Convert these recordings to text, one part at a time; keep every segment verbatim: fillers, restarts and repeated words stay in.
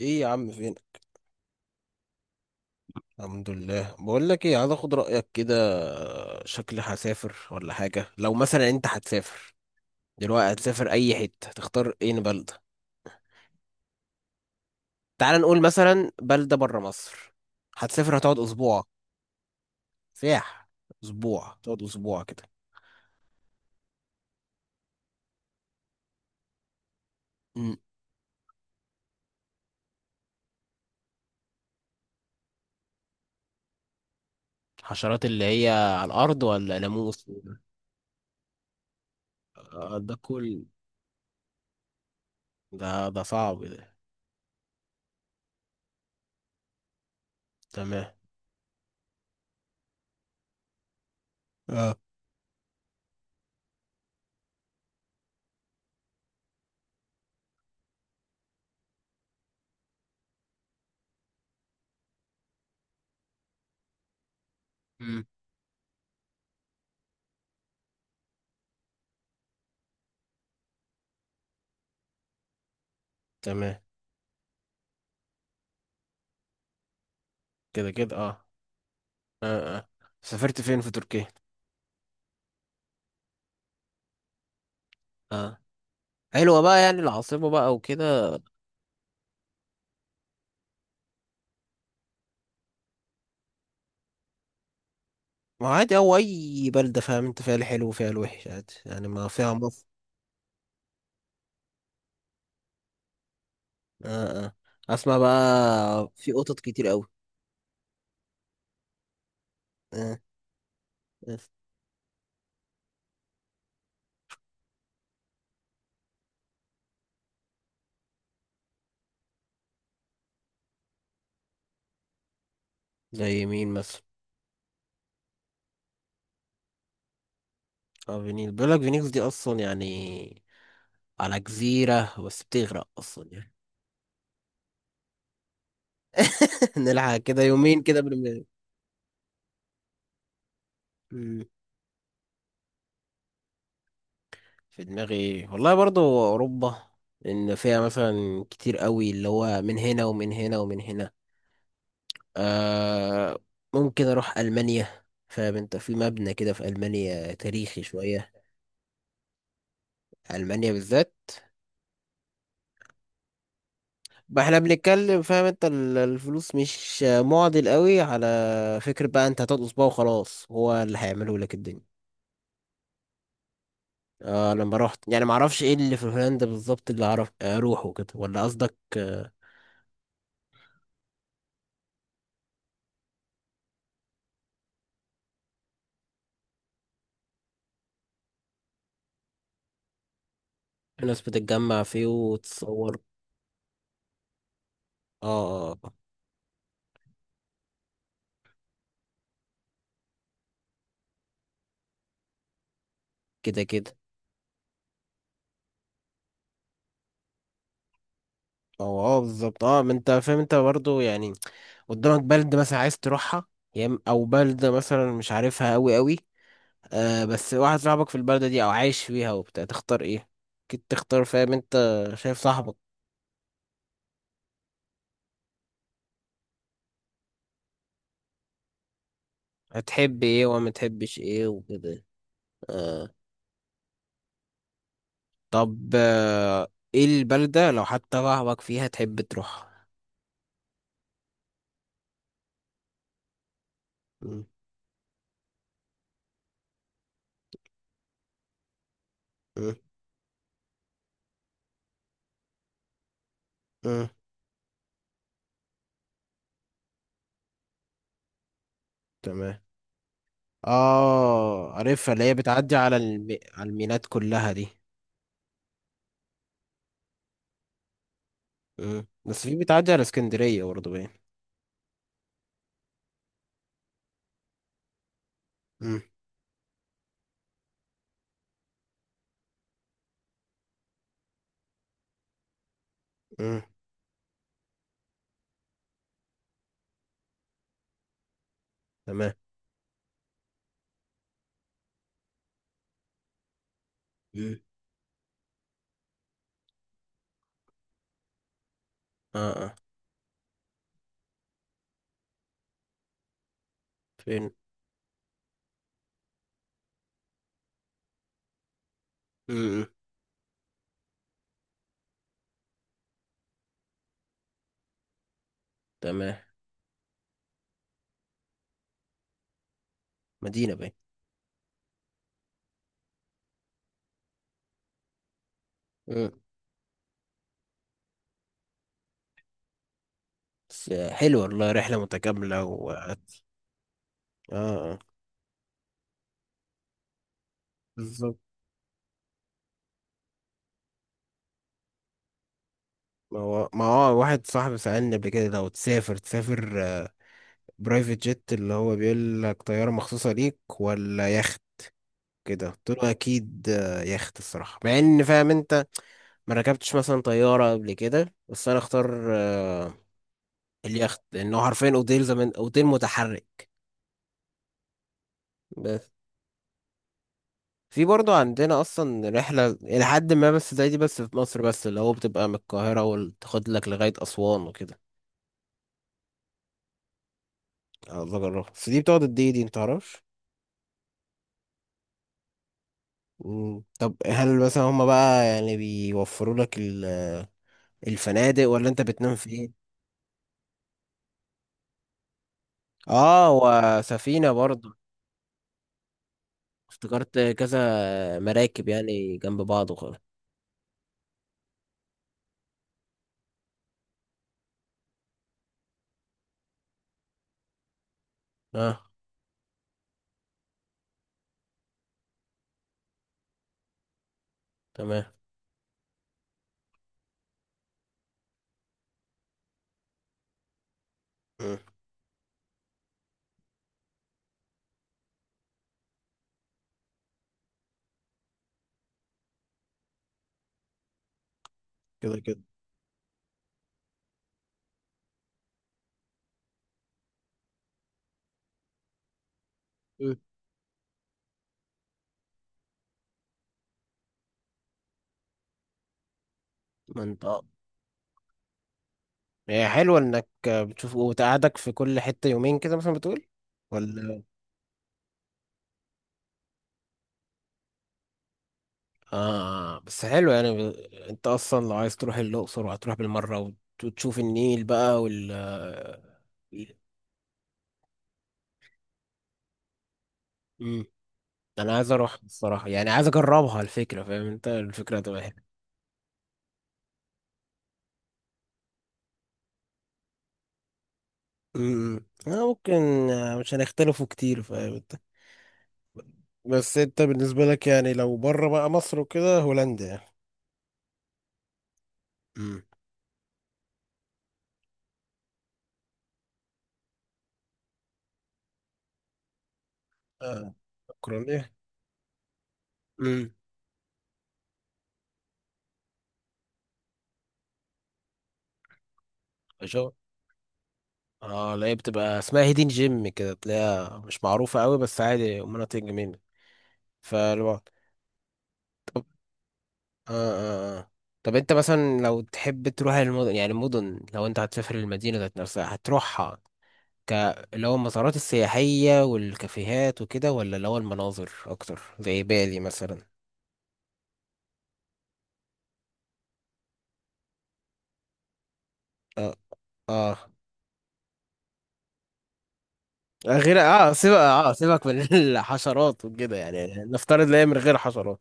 ايه يا عم، فين؟ الحمد لله. بقول لك ايه، عايز اخد رايك كده. شكلي هسافر ولا حاجه. لو مثلا انت هتسافر دلوقتي، هتسافر اي حته، تختار ايه بلده؟ تعال نقول مثلا بلده بره مصر. هتسافر هتقعد اسبوع؟ سياح. اسبوع، تقعد اسبوع كده. أمم. حشرات اللي هي على الارض ولا ناموس؟ آه، ده كل ده ده صعب ده. تمام. اه. أمم. تمام. كده كده، اه. اه، اه. سافرت فين في تركيا؟ اه. حلوة بقى يعني، العاصمة بقى وكده؟ ما عادي أو أي بلدة، فاهم أنت، فيها الحلو وفيها الوحش، عادي يعني، ما فيها مصر. آه، آه. أسمع بقى، في قطط كتير أوي. آه. آه. زي مين مثلا؟ آه، فينيكس، بيقول لك فينيكس دي أصلا يعني، على جزيرة بس بتغرق أصلا يعني. نلحق كده يومين كده قبل ما-. مم. في دماغي والله برضو أوروبا. إن فيها مثلا كتير أوي اللي هو، من هنا ومن هنا ومن هنا. آه. ممكن اروح المانيا، فاهم انت، في مبنى كده في المانيا تاريخي شويه. المانيا بالذات. ما احنا بنتكلم، فاهم انت، ال- الفلوس مش معضل قوي على فكره بقى. انت هتدقص بقى وخلاص، هو اللي هيعمله لك الدنيا. آه، لما رحت يعني، ما اعرفش ايه اللي في هولندا بالظبط اللي اعرف اروحه كده، ولا قصدك؟ آه. الناس بتتجمع فيه وتصور. اه، آه. آه. كده كده. اه. اه، بالظبط، اه. ما انت فاهم انت برضو يعني، قدامك بلد مثلا عايز تروحها، يا إما- او بلد مثلا مش عارفها قوي قوي. آه، بس واحد صاحبك في البلدة دي او عايش فيها وبتاع، تختار ايه؟ اكيد تختار، فاهم انت. شايف صاحبك. هتحب ايه وما تحبش ايه وكده. آه. طب، آه. ايه البلدة لو حتى صاحبك فيها تحب تروحها؟ م- م- م. تمام. اه، عارفها اللي هي بتعدي على الم... على الميناء كلها دي. م. بس في، بتعدي على اسكندرية برضه باين. م- م. تمام. م. اه، اه. فين؟ امم. تمام. مدينة باين. امم. بس حلوة والله، رحلة متكاملة و اه. آه. بالظبط. ما هو ما هو واحد صاحبي سألني قبل كده، لو تسافر، تسافر برايفت جيت، اللي هو بيقول لك طيارة مخصوصة ليك ولا يخت كده، قلت له اكيد آه، يخت الصراحة، مع ان فاهم انت ما ركبتش مثلا طيارة قبل كده، بس انا اختار آه، اليخت لانه حرفيا اوتيل، زمان اوتيل متحرك. بس في برضو عندنا اصلا رحله الى حد ما بس زي دي، بس في مصر بس، اللي هو بتبقى من القاهره وتاخد لك لغايه اسوان وكده. عايز اجربها، بس دي بتقعد قد ايه دي، انت تعرفش؟ مم. طب، هل مثلا هما بقى يعني بيوفروا لك ال- الفنادق ولا انت بتنام فين؟ اه، وسفينه برضو؟ افتكرت كذا مراكب يعني جنب بعض وخلاص. اه. تمام. مم. كده كده. مم. ما انت، اه. هي حلوه انك بتشوف وتقعدك في كل حته يومين كده مثلا، بتقول ولا؟ آه، آه. بس حلو يعني ب... انت اصلا لو عايز تروح الاقصر وهتروح بالمره، وت- وتشوف النيل بقى وال امم. انا عايز اروح الصراحه يعني، عايز اجربها الفكره، فاهم انت، الفكره هتبقى حلوه. امم، انا ممكن آه، مش هنختلفوا كتير، فاهم انت. بس انت بالنسبه لك يعني، لو بره بقى مصر وكده، هولندا يعني؟ امم. آه. اوكرانيا. امم. شو؟ اه، لا هي بتبقى اسمها هيدين جيم كده، تلاقيها مش معروفه قوي بس عادي مناطق جميله فالوقت. اه، اه، اه. طب، انت مثلا لو تحب تروح المدن يعني، المدن، لو انت هتسافر المدينة ذات نفسها هتروحها، ك اللي هو المسارات السياحية والكافيهات وكده، ولا اللي هو المناظر أكتر زي بالي مثلا؟ اه. اه. آه، غير اه سيبك اه سيبك من الحشرات وكده يعني، نفترض لا، هي من غير حشرات.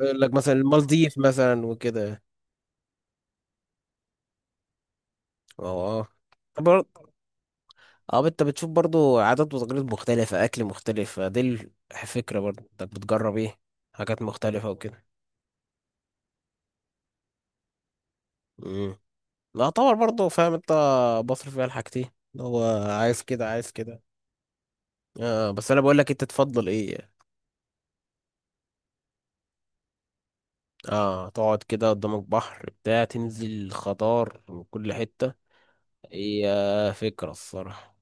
يقول لك مثلا المالديف مثلا وكده. اه. آه. اه، انت بتشوف برضو عادات وتقاليد مختلفة، اكل مختلف دي الفكرة برضو، انك بتجرب ايه حاجات مختلفة وكده. امم. يعتبر برضو، فاهم انت، بصرف فيها الحاجتين اللي هو عايز كده عايز كده. اه، بس انا بقول لك، انت تفضل ايه؟ اه، تقعد كده قدامك بحر بتاع، تنزل خضار من كل حتة. هي فكرة الصراحة.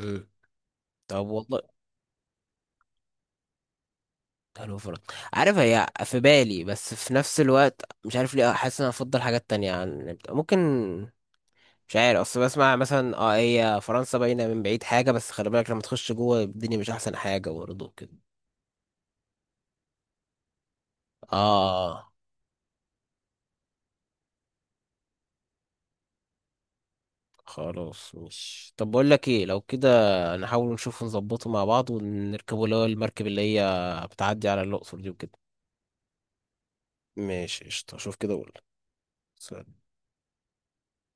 امم. طب والله. حلو فرق. عارف، هي في بالي بس في نفس الوقت مش عارف ليه، حاسس ان انا افضل حاجات تانية، عن ممكن مش عارف اصل بسمع مثلا، اه، هي فرنسا باينه من بعيد حاجه، بس خلي بالك لما تخش جوه الدنيا مش احسن حاجه برضه كده. اه. خلاص، مش، طب بقول لك ايه، لو كده نحاول نشوف نظبطه مع بعض ونركبه، اللي هو المركب اللي هي بتعدي على الاقصر دي وكده. ماشي، قشطه، شوف كده. وقول